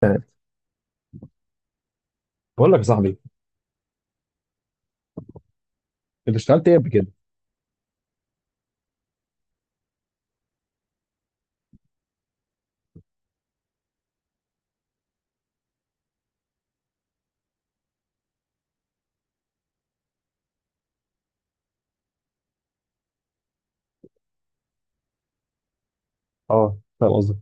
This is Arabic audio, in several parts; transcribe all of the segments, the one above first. تمام. بقول لك يا صاحبي، انت اشتغلت ايه قبل كده؟ اه فاهم قصدك.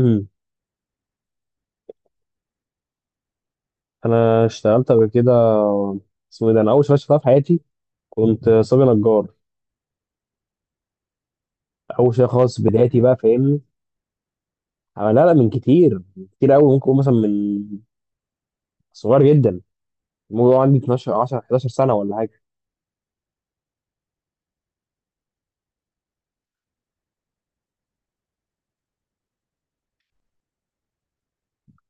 أمم. انا اشتغلت قبل كده. اسمه ايه ده، انا اول شغل اشتغلتها في حياتي كنت صبي نجار. اول شيء خالص بدايتي، بقى فاهمني؟ لا لا، من كتير قوي، ممكن اقول مثلا من صغير جدا، الموضوع عندي 12 10 11 سنه ولا حاجه.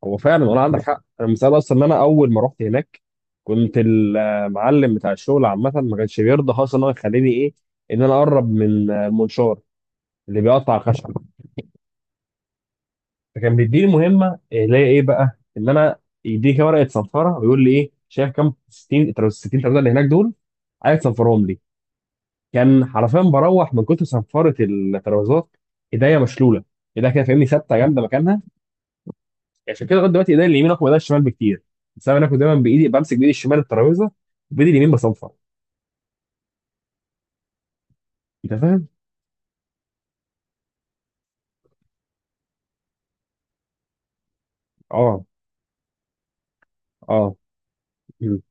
هو فعلا والله عندك حق، انا مثال اصلا، ان انا اول ما رحت هناك كنت المعلم بتاع الشغل عامه ما كانش بيرضى خالص ان هو يخليني ايه، ان انا اقرب من المنشار اللي بيقطع خشب. فكان بيديني مهمه اللي هي ايه بقى، ان انا يديك ورقه صنفره ويقول لي ايه، شايف كام؟ 60 60 ترابيزه اللي هناك دول عايز تصنفرهم لي. كان حرفيا بروح من كتر صنفره الترابيزات ايديا مشلوله، ايديا كده فاهمني، ثابته جامده مكانها. يعني عشان كده لغايه دلوقتي ايدي اليمين اقوى من ايدي الشمال بكتير، بس انا كنت دايما بايدي بمسك بايدي الشمال الترابيزه وبايدي اليمين بصنفر. انت فاهم؟ اه. اه. مم.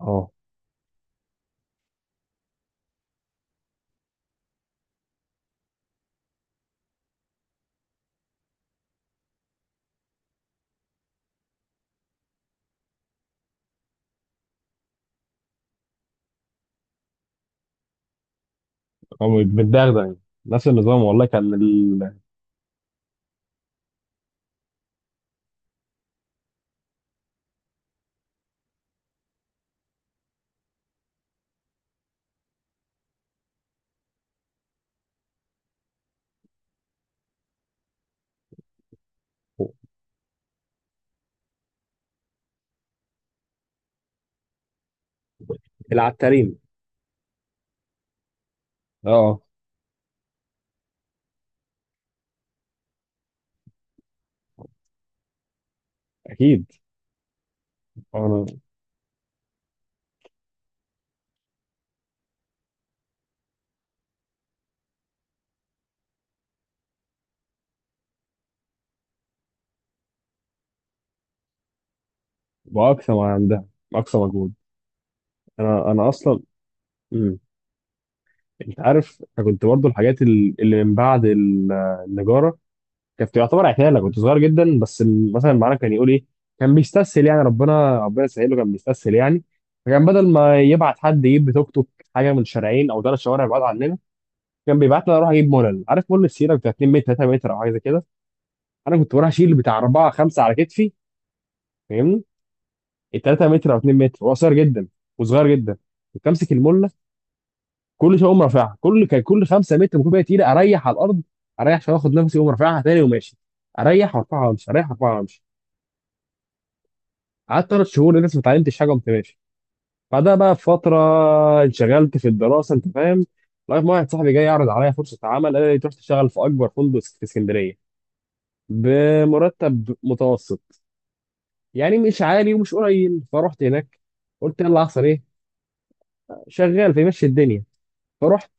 اه. اه متدغدغ يعني، نفس النظام والله. العتارين. اه اكيد. انا باقصى ما عندها، اقصى مجهود. انا انا اصلا، مم. انت عارف، انا كنت برضو الحاجات اللي من بعد النجاره كانت يعتبر عتاله. كنت صغير جدا، بس مثلا معانا كان يقول ايه، كان بيستسهل يعني، ربنا ربنا يسهل له، كان بيستسهل يعني. فكان بدل ما يبعت حد يجيب توك توك حاجه من شارعين او ثلاث شوارع بعاد عننا، كان بيبعت لي اروح اجيب مولل، عارف مول السيره بتاع 2 متر 3 متر او حاجه زي كده؟ انا كنت بروح اشيل بتاع 4 5 على كتفي، فاهمني؟ ال 3 متر او 2 متر، هو قصير جدا وصغير جدا، كنت امسك المله كل شويه اقوم رافعها. كل 5 متر بكون بقى تقيله، اريح على الارض، اريح شويه، اخد نفسي، اقوم رافعها تاني وماشي، اريح وارفعها وامشي، اريح وارفعها وامشي. قعدت ثلاث شهور لسه ما اتعلمتش حاجه وقمت ماشي. بعدها بقى بفتره انشغلت في الدراسه انت فاهم، لغايه ما واحد صاحبي جاي يعرض عليا فرصه عمل، قال لي تروح تشتغل في اكبر فندق في اسكندريه بمرتب متوسط، يعني مش عالي ومش قليل. فرحت هناك، قلت يلا احسن ايه، شغال فيمشي الدنيا. فرحت،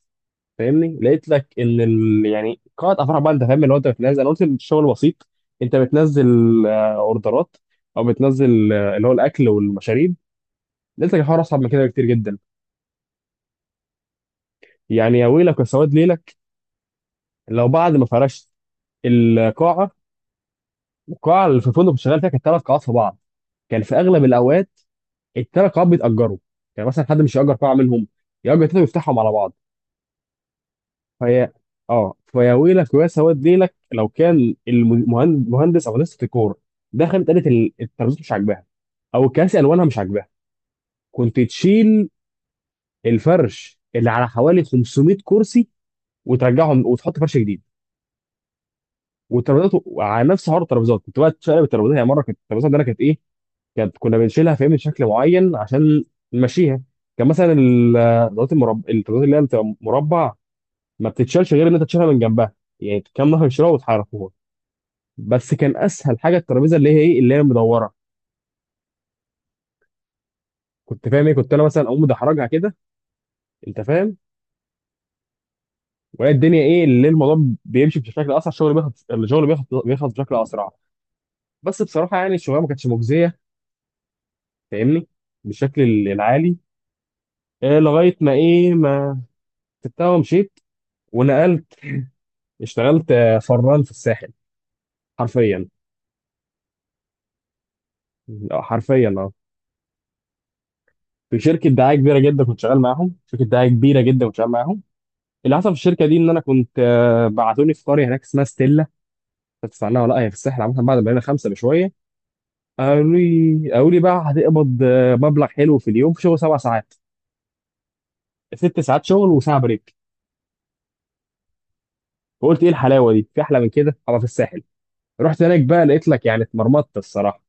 فاهمني؟ لقيت لك ان ال... يعني قاعه افراح بقى انت فاهم، اللي هو انت بتنزل، انا قلت الشغل بسيط، انت بتنزل اوردرات او بتنزل اللي هو الاكل والمشاريب. لقيت لك الحوار اصعب من كده بكتير جدا، يعني يا ويلك يا سواد ليلك لو بعد ما فرشت القاعه. القاعه اللي في الفندق اللي شغال فيها كانت ثلاث قاعات في بعض، كان في اغلب الاوقات الثلاث قاعات بيتاجروا، يعني مثلا حد مش ياجر قاعه منهم، ياجر تلاته ويفتحهم على بعض. فهي، اه، فيا ويلك ويا سواد ليلك لو كان المهندس او هندسه الديكور دخلت قالت الترابيزات مش عاجباها او الكراسي الوانها مش عاجباها، كنت تشيل الفرش اللي على حوالي 500 كرسي وترجعهم وتحط فرش جديد. والترابيزات على نفس حوار الترابيزات، كنت بقى تشقلب الترابيزات. يعني مره كانت الترابيزات عندنا كانت ايه، كانت كنا بنشيلها فاهمني بشكل معين عشان نمشيها. كان مثلا الترابيزات المربع، الترابيزات اللي هي بتبقى مربع، ما بتتشالش غير ان انت تشيلها من جنبها، يعني كام نفر يشيلوها وتحركوها. بس كان اسهل حاجه الترابيزه اللي هي ايه، اللي هي مدوره، كنت فاهم ايه، كنت انا مثلا اقوم مدحرجها كده، انت فاهم؟ وهي الدنيا ايه، اللي الموضوع بيمشي بشكل اسرع، الشغل بياخد بيخلص بشكل اسرع. بس بصراحه يعني الشغلانه ما كانتش مجزيه فاهمني، بالشكل العالي. لغايه ما سبتها ومشيت، ونقلت. اشتغلت فران في الساحل، حرفيا. حرفيا اه. في شركه دعايه كبيره جدا كنت شغال معاهم، شركه دعايه كبيره جدا كنت شغال معاهم. اللي حصل في الشركه دي ان انا كنت بعتوني في قريه هناك اسمها ستيلا، تسمع عنها ولا لا؟ هي في الساحل عامه. بعد ما بقينا خمسه بشويه قالوا لي، بقى هتقبض مبلغ حلو في اليوم في شغل سبع ساعات، ست ساعات شغل وساعه بريك. فقلت ايه الحلاوه دي، في احلى من كده ابقى في الساحل؟ رحت هناك بقى لقيت لك يعني اتمرمطت الصراحه.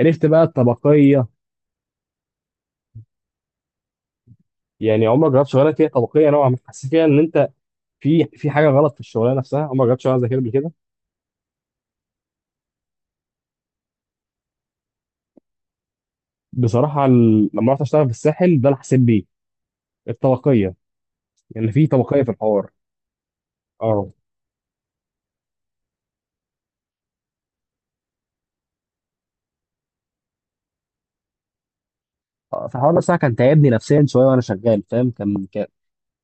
عرفت بقى الطبقيه. يعني عمرك جربت شغلانه فيها طبقيه نوعا ما، حسيت فيها ان انت في حاجه غلط في الشغلانه نفسها؟ عمرك جربت شغلانه زي كده قبل كده؟ بصراحه لما رحت اشتغل في الساحل ده، اللي حسيت بيه الطبقيه. يعني في طبقيه في الحوار، اه. فالحوار ده بصراحه كان تعبني نفسيا شويه وانا شغال فاهم، كان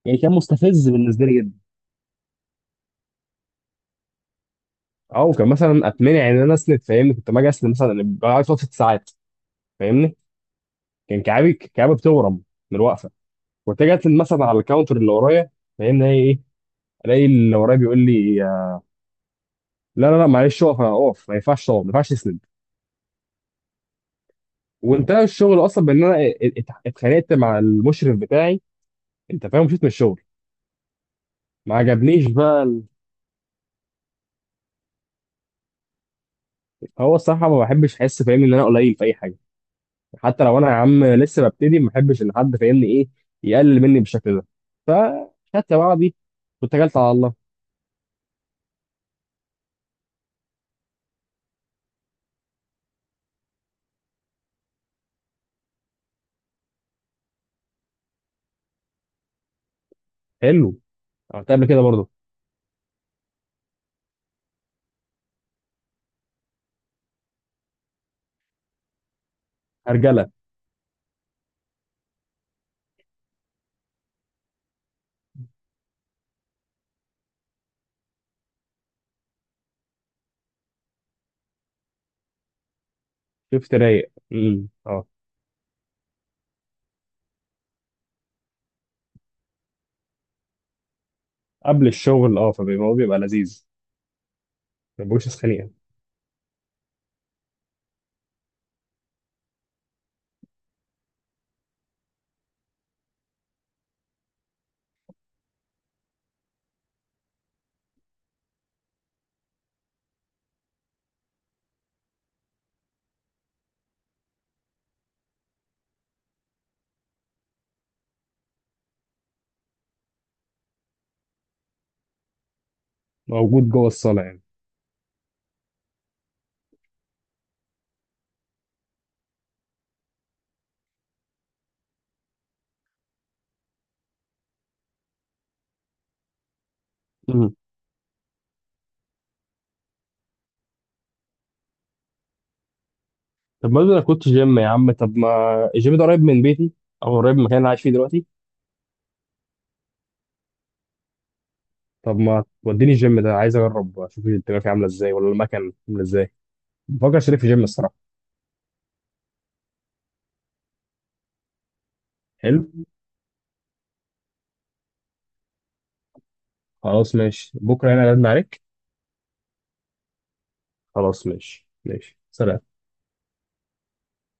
يعني، كان مستفز بالنسبه لي جدا. او كان مثلا اتمنع ان انا اسند، فاهمني؟ كنت لما اجي اسند مثلا بقعد فتره ست ساعات، فاهمني؟ كان كعابي بتورم من الوقفه. كنت اجي أسند مثلا على الكاونتر اللي ورايا، فاهمني؟ هي ايه، الاقي اللي ورايا بيقول لي لا لا لا معلش اقف، انا اقف، ما ينفعش اقف، ما ينفعش اسند. وانتهى الشغل اصلا بان انا اتخانقت مع المشرف بتاعي، انت فاهم، مشيت من الشغل. ما عجبنيش بقى هو الصراحه ما بحبش احس فاهمني ان انا قليل في اي حاجه، حتى لو انا يا عم لسه ببتدي ما بحبش ان حد فاهمني ايه، يقلل مني بالشكل ده. فخدت بعضي واتكلت على الله. حلو، عملت قبل كده برضه. هرجله. شفت، رايق. اه. قبل الشغل اه، فبيبقى، هو بيبقى لذيذ، ما بيبقوش خنيقه. موجود جوه الصاله يعني. طب ما انا كنت جيم يا عم، طب ما الجيم ده قريب من بيتي او قريب من المكان اللي أنا عايش فيه دلوقتي. طب ما توديني الجيم ده، عايز اجرب اشوف الدنيا فيه عامله ازاي ولا المكان عامله ازاي. بفكر اشترك في جيم الصراحه. حلو، خلاص ماشي، بكره هنا لازم عليك. خلاص ماشي، ماشي، سلام.